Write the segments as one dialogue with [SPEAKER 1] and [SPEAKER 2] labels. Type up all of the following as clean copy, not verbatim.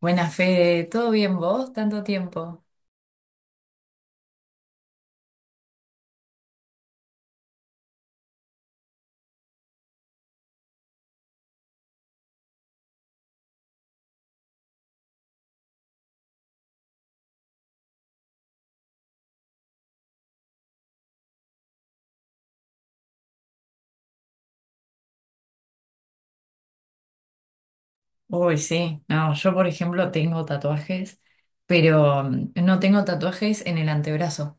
[SPEAKER 1] Buena Fede, ¿todo bien vos? ¿Tanto tiempo? Uy, sí, no, yo por ejemplo tengo tatuajes, pero no tengo tatuajes en el antebrazo,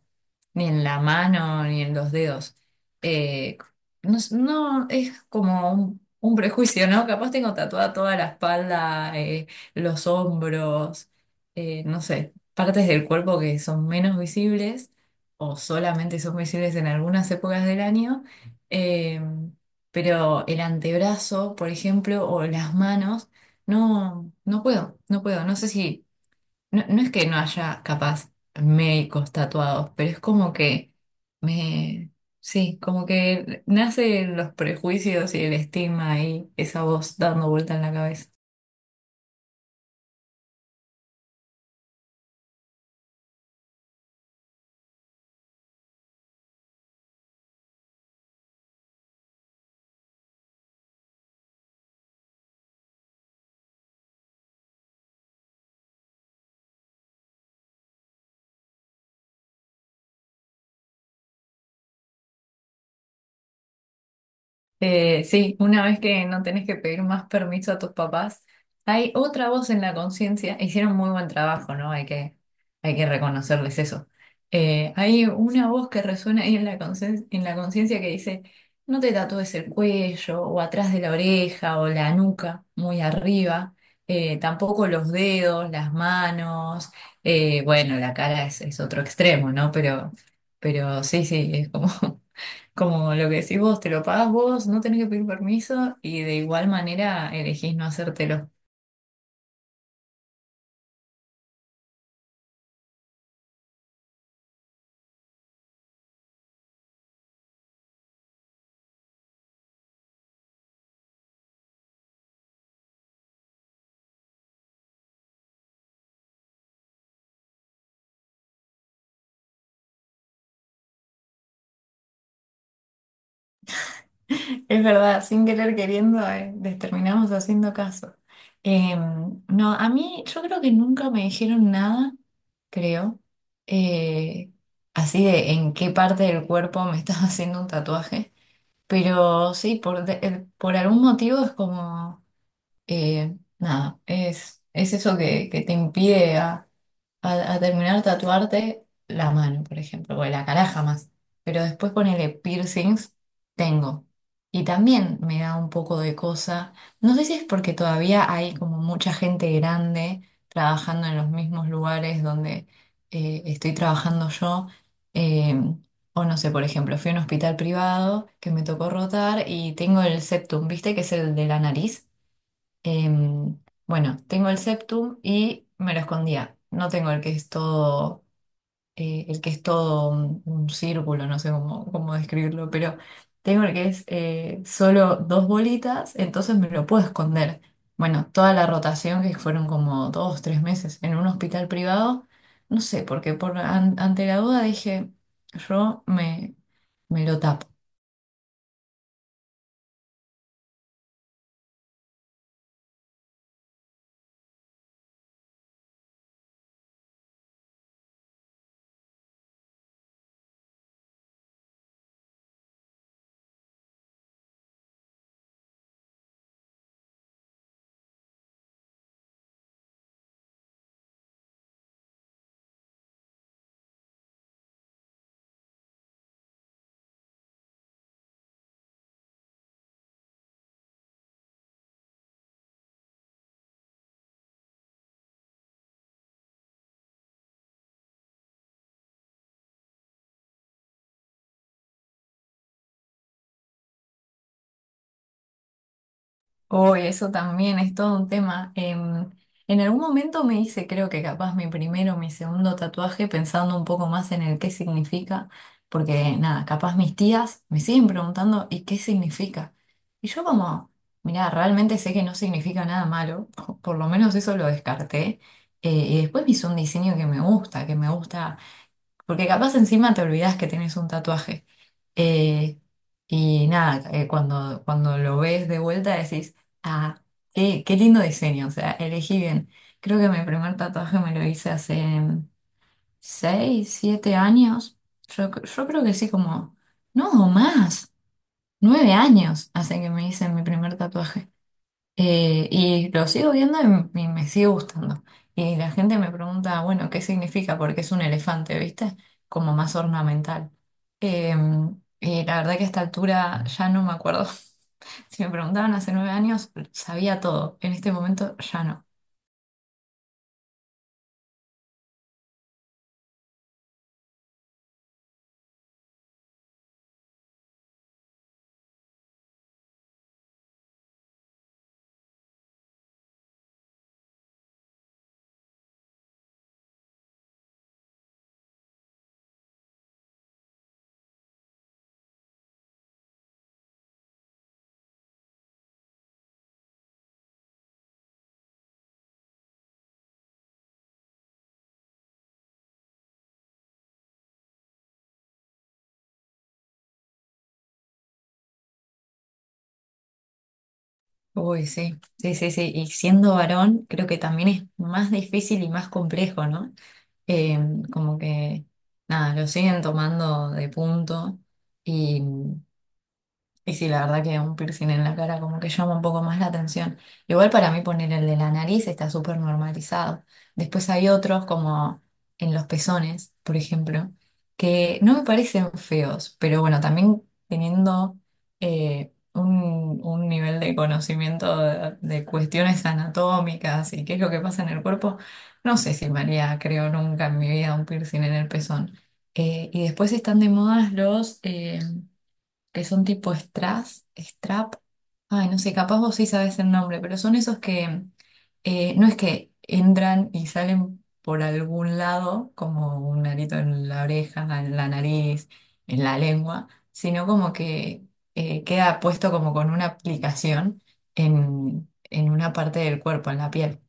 [SPEAKER 1] ni en la mano, ni en los dedos. Eh, no, no, es como un prejuicio, ¿no? Capaz tengo tatuada toda la espalda, los hombros, no sé, partes del cuerpo que son menos visibles o solamente son visibles en algunas épocas del año. Eh, pero el antebrazo, por ejemplo, o las manos, no, no puedo, no puedo. No sé si no, no es que no haya capaz médicos tatuados, pero es como que me, sí, como que nacen los prejuicios y el estigma y esa voz dando vuelta en la cabeza. Sí, una vez que no tenés que pedir más permiso a tus papás, hay otra voz en la conciencia. Hicieron muy buen trabajo, ¿no? Hay que reconocerles eso. Hay una voz que resuena ahí en la conciencia que dice, no te tatúes el cuello o atrás de la oreja o la nuca, muy arriba. Tampoco los dedos, las manos. Bueno, la cara es otro extremo, ¿no? Pero sí, sí, es como... Como lo que decís vos, te lo pagás vos, no tenés que pedir permiso y de igual manera elegís no hacértelo. Es verdad, sin querer queriendo, les terminamos haciendo caso. No, a mí yo creo que nunca me dijeron nada, creo, eh, así de en qué parte del cuerpo me estás haciendo un tatuaje, pero sí, por algún motivo es como, nada, es eso que te impide a terminar de tatuarte la mano, por ejemplo, o la cara jamás. Pero después ponele piercings, tengo. Y también me da un poco de cosa. No sé si es porque todavía hay como mucha gente grande trabajando en los mismos lugares donde estoy trabajando yo. eh, o no sé, por ejemplo, fui a un hospital privado que me tocó rotar y tengo el septum, ¿viste? Que es el de la nariz. Em, bueno, tengo el septum y me lo escondía. No tengo el que es todo, el que es todo un círculo, no sé cómo, cómo describirlo, pero tengo el que es solo dos bolitas, entonces me lo puedo esconder. Bueno, toda la rotación que fueron como 2, 3 meses en un hospital privado, no sé, porque ante la duda dije, yo me, me lo tapo. Oh, eso también es todo un tema. En algún momento me hice, creo que capaz mi primero o mi segundo tatuaje, pensando un poco más en el qué significa, porque nada, capaz mis tías me siguen preguntando, ¿y qué significa? Y yo como, mira, realmente sé que no significa nada malo, o por lo menos eso lo descarté. Y después me hice un diseño que me gusta porque capaz encima te olvidas que tienes un tatuaje. Eh, y nada, cuando lo ves de vuelta decís, ah, qué lindo diseño, o sea, elegí bien. Creo que mi primer tatuaje me lo hice hace 6, 7 años. Yo creo que sí, como, no, más, 9 años hace que me hice mi primer tatuaje. Y lo sigo viendo y me sigue gustando. Y la gente me pregunta, bueno, ¿qué significa? Porque es un elefante, ¿viste? Como más ornamental. Eh, y la verdad que a esta altura ya no me acuerdo. Si me preguntaban hace 9 años, sabía todo. En este momento ya no. Uy, sí, sí, sí, sí. Y siendo varón, creo que también es más difícil y más complejo, ¿no? Eh, como que, nada, lo siguen tomando de punto. Y sí, la verdad que un piercing en la cara como que llama un poco más la atención. Igual para mí poner el de la nariz está súper normalizado. Después hay otros como en los pezones, por ejemplo, que no me parecen feos, pero bueno, también teniendo un nivel de conocimiento de cuestiones anatómicas y qué es lo que pasa en el cuerpo, no sé si me haría, creo, nunca en mi vida un piercing en el pezón. Y después están de moda los... que son tipo strass, strap. Ay, no sé, capaz vos sí sabés el nombre, pero son esos que no es que entran y salen por algún lado, como un arito en la oreja, en la nariz, en la lengua, sino como que queda puesto como con una aplicación en una parte del cuerpo, en la piel.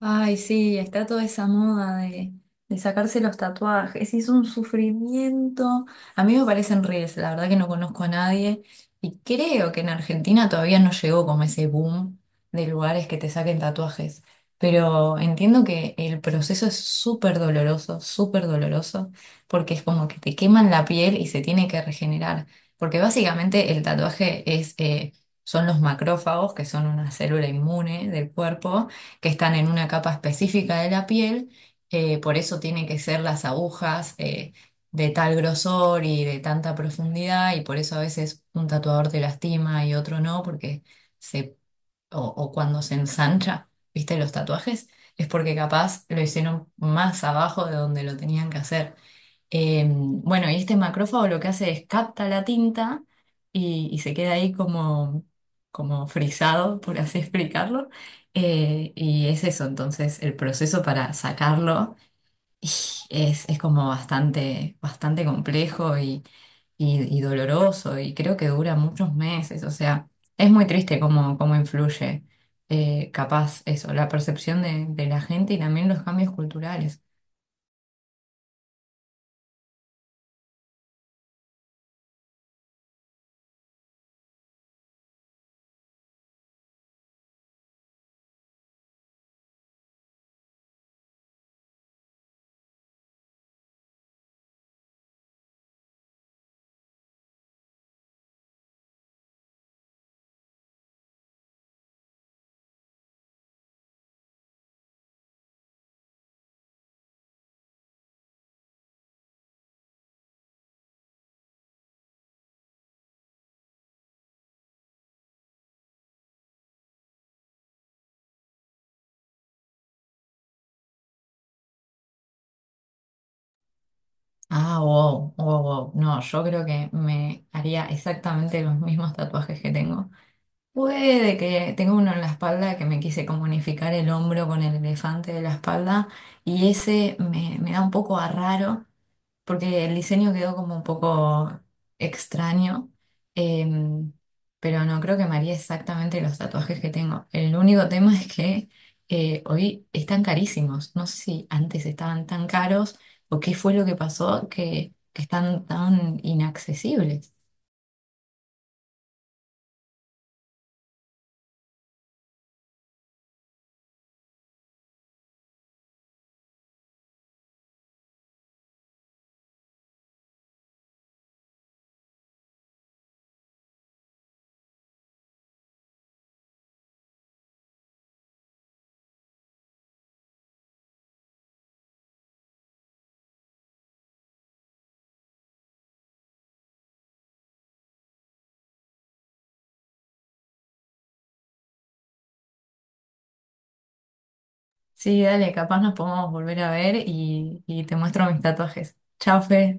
[SPEAKER 1] Ay, sí, está toda esa moda de sacarse los tatuajes. Es un sufrimiento. A mí me parecen reels, la verdad que no conozco a nadie. Y creo que en Argentina todavía no llegó como ese boom de lugares que te saquen tatuajes. Pero entiendo que el proceso es súper doloroso, porque es como que te queman la piel y se tiene que regenerar. Porque básicamente el tatuaje es, son los macrófagos, que son una célula inmune del cuerpo que están en una capa específica de la piel, por eso tienen que ser las agujas de tal grosor y de tanta profundidad, y por eso a veces un tatuador te lastima y otro no, porque se, o cuando se ensancha, ¿viste los tatuajes? Es porque capaz lo hicieron más abajo de donde lo tenían que hacer. Bueno, y este macrófago lo que hace es capta la tinta y se queda ahí como, como frisado, por así explicarlo. Y es eso, entonces el proceso para sacarlo y es como bastante, bastante complejo y doloroso y creo que dura muchos meses. O sea, es muy triste cómo, cómo influye, capaz eso, la percepción de la gente y también los cambios culturales. Ah, wow, wow, wow. No, yo creo que me haría exactamente los mismos tatuajes que tengo. Puede que tengo uno en la espalda que me quise como unificar el hombro con el elefante de la espalda y ese me da un poco a raro porque el diseño quedó como un poco extraño, em, pero no creo que me haría exactamente los tatuajes que tengo. El único tema es que hoy están carísimos. No sé si antes estaban tan caros o qué fue lo que pasó que están tan inaccesibles. Sí, dale, capaz nos podemos volver a ver y te muestro mis tatuajes. Chao, Fe.